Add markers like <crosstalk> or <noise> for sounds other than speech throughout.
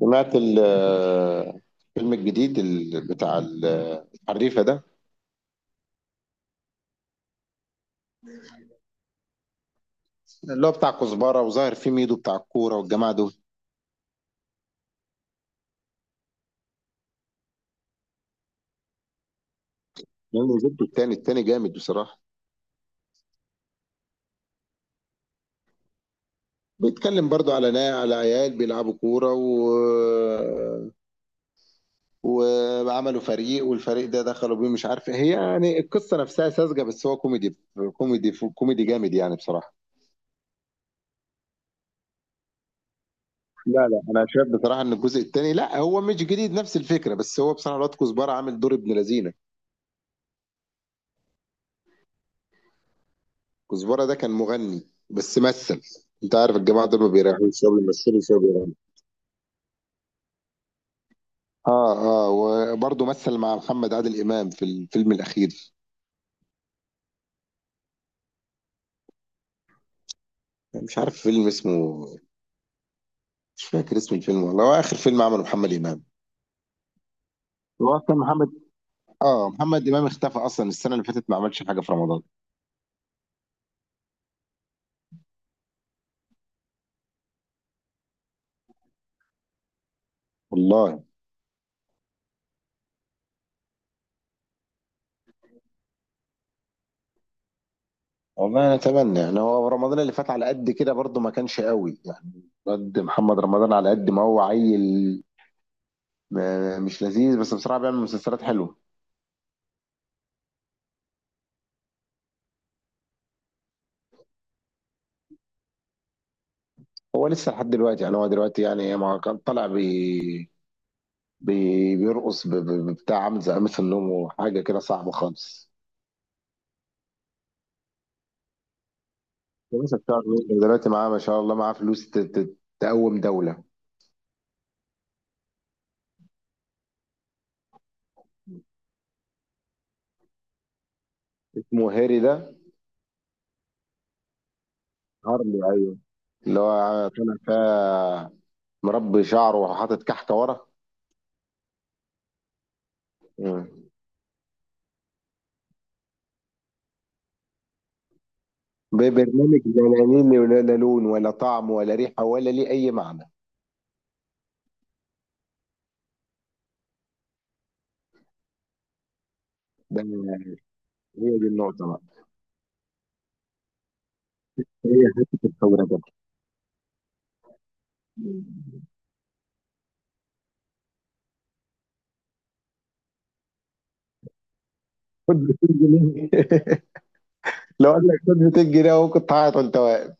سمعت الفيلم الجديد بتاع الحريفة ده اللي هو بتاع كزبرة وظاهر فيه ميدو بتاع الكورة والجماعة دول. يعني نزلت التاني، التاني جامد بصراحة. بيتكلم برضو على نا على عيال بيلعبوا كورة وعملوا فريق والفريق ده دخلوا بيه مش عارف إيه. هي يعني القصة نفسها ساذجة بس هو كوميدي، كوميدي جامد يعني بصراحة. لا، انا شايف بصراحة ان الجزء التاني لا، هو مش جديد، نفس الفكرة، بس هو بصراحة الواد كزبرة عامل دور ابن لذينة. كزبرة ده كان مغني بس مثل. انت عارف الجماعة دول ما بيريحوش، شوية بيمثلوا شوية بيغنوا. اه. اه وبرضه مثل مع محمد عادل إمام في الفيلم الأخير. مش عارف فيلم اسمه، مش فاكر اسم الفيلم والله. هو آخر فيلم عمله محمد إمام. هو أصلا محمد، اه محمد إمام اختفى أصلا، السنة اللي فاتت ما عملش حاجة في رمضان. والله. والله أنا أتمنى، يعني هو رمضان اللي فات على قد كده برضه ما كانش قوي يعني. قد محمد رمضان على قد ما هو عيل، آه، مش لذيذ، بس بصراحة بيعمل مسلسلات حلوة. هو لسه لحد دلوقتي يعني، هو دلوقتي يعني ما كان طالع بي بي بيرقص بتاع، عامل زي قميص النوم وحاجه كده صعبه خالص. لسه بتاع الويلز دلوقتي، معاه ما شاء الله معاه فلوس تقوم دوله. اسمه هاري ده؟ هارلي، ايوه. اللي هو طالع فيها مربي شعره وحاطط كحكه ورا. مم. ببرنامج؟ لا، ليه؟ ولا لا لون ولا طعم ولا ريحه ولا ليه اي معنى. ده هي دي النقطه بقى. هي حته الثوره كده. خد 200 جنيه. لو قال لك خد 200 جنيه اهو كنت هعيط وانت واقف.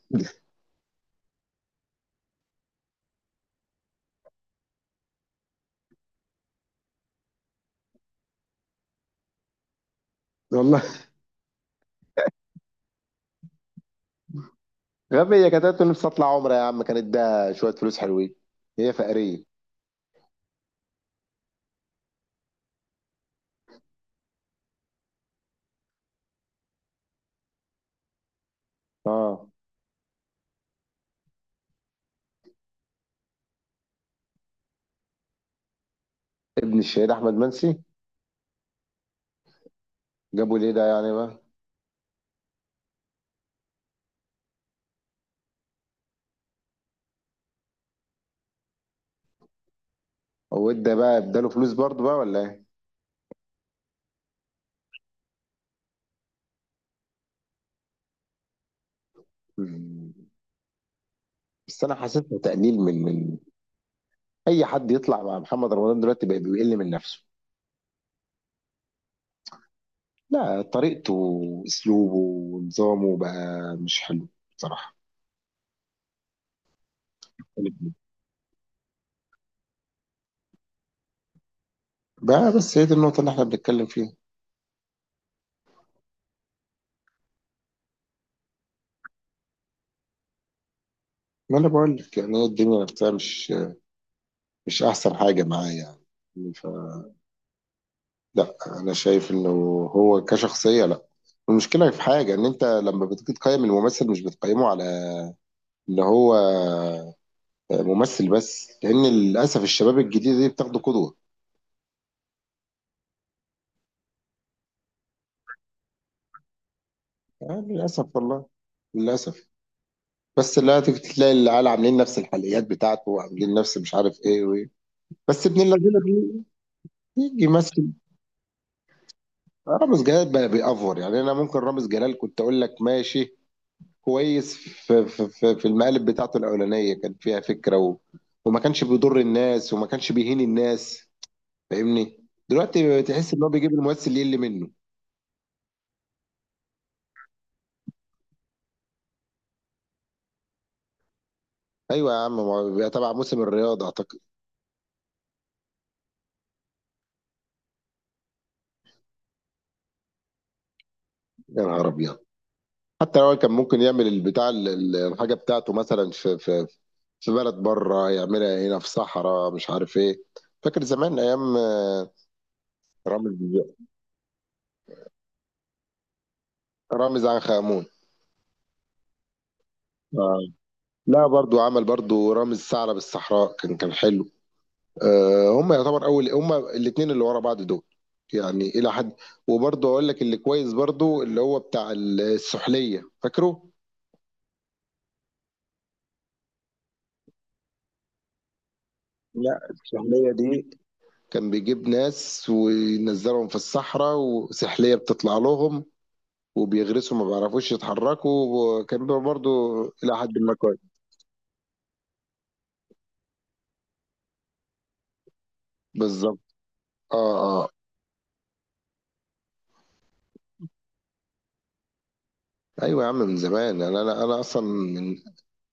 والله. <laughs> غبية، كانت قالت له نفسي اطلع عمرة يا عم، كانت ده شوية فلوس حلوين. هي فقرية. اه. ابن الشهيد احمد منسي؟ جابوا ليه ده يعني بقى؟ هو ادى بقى، اداله فلوس برضه بقى ولا ايه؟ مم. بس انا حسيتها تقليل من، اي حد يطلع مع محمد رمضان دلوقتي بقى بيقل من نفسه. لا، طريقته واسلوبه ونظامه بقى مش حلو بصراحة. بقى بس هي دي النقطة اللي احنا بنتكلم فيها. ما انا بقول لك يعني، هي الدنيا نفسها مش مش احسن حاجه معاه يعني. ف لا انا شايف انه هو كشخصيه لا. المشكله في حاجه، ان انت لما بتيجي تقيم الممثل مش بتقيمه على ان هو ممثل بس، لان للاسف الشباب الجديده دي بتاخده قدوه. يعني للاسف والله، للاسف. بس لا، تيجي تلاقي العيال عاملين نفس الحلقيات بتاعته وعاملين نفس مش عارف ايه وايه. بس ابن اللذينه بيجي يمثل. رامز جلال بقى بيأفور يعني. انا ممكن رامز جلال كنت اقول لك ماشي، كويس في المقالب بتاعته الاولانيه كان فيها فكره و... وما كانش بيضر الناس وما كانش بيهين الناس، فاهمني؟ دلوقتي تحس ان هو بيجيب الممثل يقل منه. ايوه يا عم، ما هو بيبقى تبع موسم الرياضه اعتقد. يا نهار ابيض. حتى لو كان ممكن يعمل البتاع الحاجه بتاعته مثلا في في بلد بره، يعملها هنا في صحراء مش عارف ايه. فاكر زمان ايام آه، رامز، رامز عنخ آمون. آه. لا، برضو عمل برضو رامز ثعلب الصحراء، كان كان حلو. آه، هم يعتبر اول، هم الاثنين اللي ورا بعض دول يعني الى حد. وبرضه اقول لك اللي كويس برضه، اللي هو بتاع السحليه، فاكره؟ لا، السحلية دي كان بيجيب ناس وينزلهم في الصحراء وسحليه بتطلع لهم وبيغرسوا ما بيعرفوش يتحركوا، وكان بيبقى برضه الى حد ما كويس. بالظبط. اه. اه. ايوه يا عم من زمان. انا انا انا اصلا من،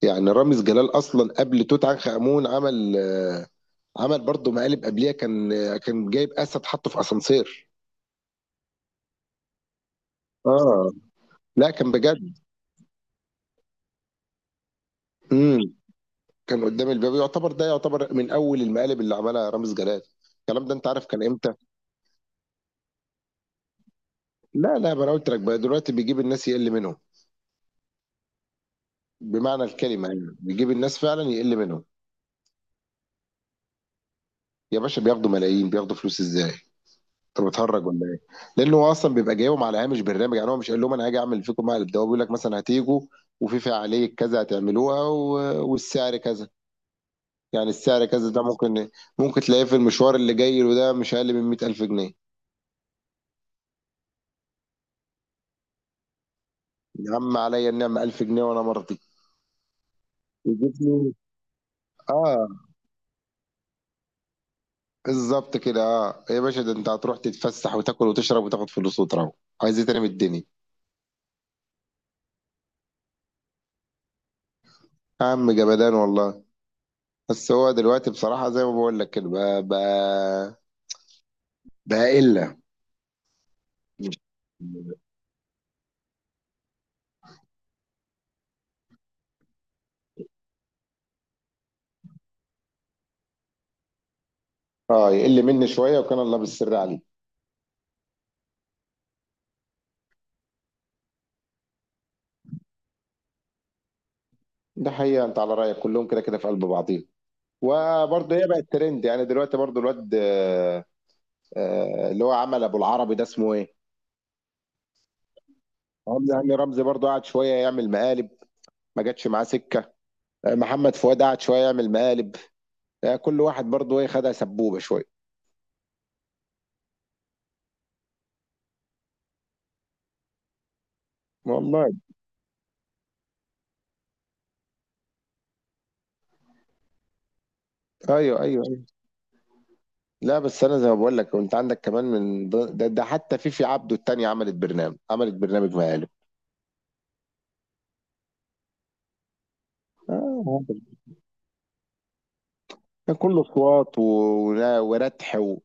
يعني رامز جلال اصلا قبل توت عنخ امون عمل آه، عمل برضه مقالب قبليها، كان كان جايب اسد حطه في اسانسير. اه. لا كان بجد. امم. كان قدام الباب يعتبر، ده يعتبر من اول المقالب اللي عملها رامز جلال. الكلام ده انت عارف كان امتى؟ لا، ما انا قلت لك بقى دلوقتي بيجيب الناس يقل منهم، بمعنى الكلمه يعني بيجيب الناس فعلا يقل منهم. يا باشا بياخدوا ملايين، بياخدوا فلوس ازاي؟ انت بتهرج ولا ايه؟ لانه هو اصلا بيبقى جايبهم على هامش برنامج، يعني هو مش قال لهم انا هاجي اعمل فيكم مقلب، ده هو بيقول لك مثلا هتيجوا وفي فعاليه كذا هتعملوها و... والسعر كذا، يعني السعر كذا ده ممكن ممكن تلاقيه في المشوار اللي جاي له ده مش اقل من 100000 جنيه. يا عم عليا النعمه 1000 جنيه وانا مرضي. يجيب لي اه. بالظبط كده. اه يا باشا، ده انت هتروح تتفسح وتاكل وتشرب وتاخد فلوس وتروح، عايز ايه تاني من الدنيا؟ يا عم جمدان والله. بس هو دلوقتي بصراحه زي ما بقول لك كده بقى الا. اه يقل مني شويه، وكان الله بالسر عليه. ده حقيقه، انت على رايك كلهم كده كده في قلب بعضيهم. وبرضه هي بقت ترند يعني دلوقتي برضه الواد، آه، اللي هو عمل ابو العربي ده اسمه ايه؟ رمزي، هاني رمزي برضه قعد شويه يعمل مقالب، ما جاتش معاه سكه. آه، محمد فؤاد قعد شويه يعمل مقالب. آه، كل واحد برضه ايه، خدها سبوبه شويه. والله. ايوه ايوه ايوه. لا بس انا زي ما بقول لك، انت عندك كمان من ده حتى فيفي عبده التانية عملت برنامج مقالب. اه كان كله اصوات و... وردح وحاجه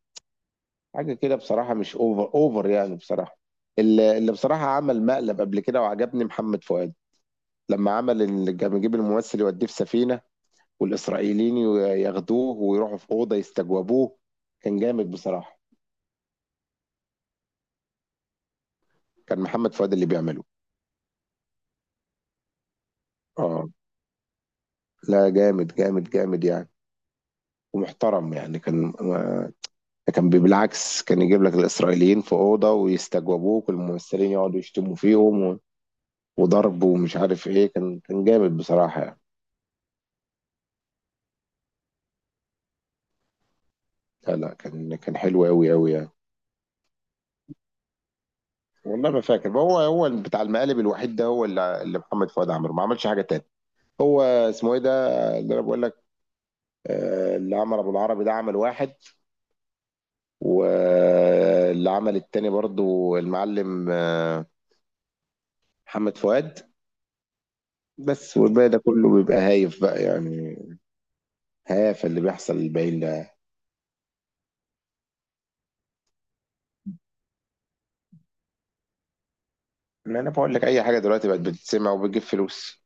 كده بصراحه، مش اوفر اوفر يعني بصراحه. اللي بصراحه عمل مقلب قبل كده وعجبني محمد فؤاد، لما عمل كان بيجيب الممثل يوديه في سفينة والإسرائيليين ياخدوه ويروحوا في أوضة يستجوبوه، كان جامد بصراحة. كان محمد فؤاد اللي بيعمله. اه. لا، جامد جامد جامد يعني، ومحترم يعني. كان كان بالعكس، كان يجيب لك الإسرائيليين في أوضة ويستجوبوك والممثلين يقعدوا يشتموا فيهم وضرب ومش عارف إيه، كان كان جامد بصراحة يعني. لا، كان كان حلو أوي أوي يعني. والله ما فاكر. هو هو بتاع المقالب الوحيد ده، هو اللي محمد فؤاد عمله، ما عملش حاجة تاني. هو اسمه ايه ده اللي انا بقول لك؟ آه، اللي عمل ابو العربي ده عمل واحد، واللي عمل التاني برضو المعلم آه، محمد فؤاد. بس والباقي ده كله بيبقى هايف بقى يعني، هايف اللي بيحصل للباقيين ده. ما انا بقول لك اي حاجه دلوقتي بقت بتتسمع وبتجيب فلوس.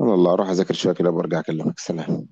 انا الله اروح اذاكر شويه كده وبرجع اكلمك. سلام.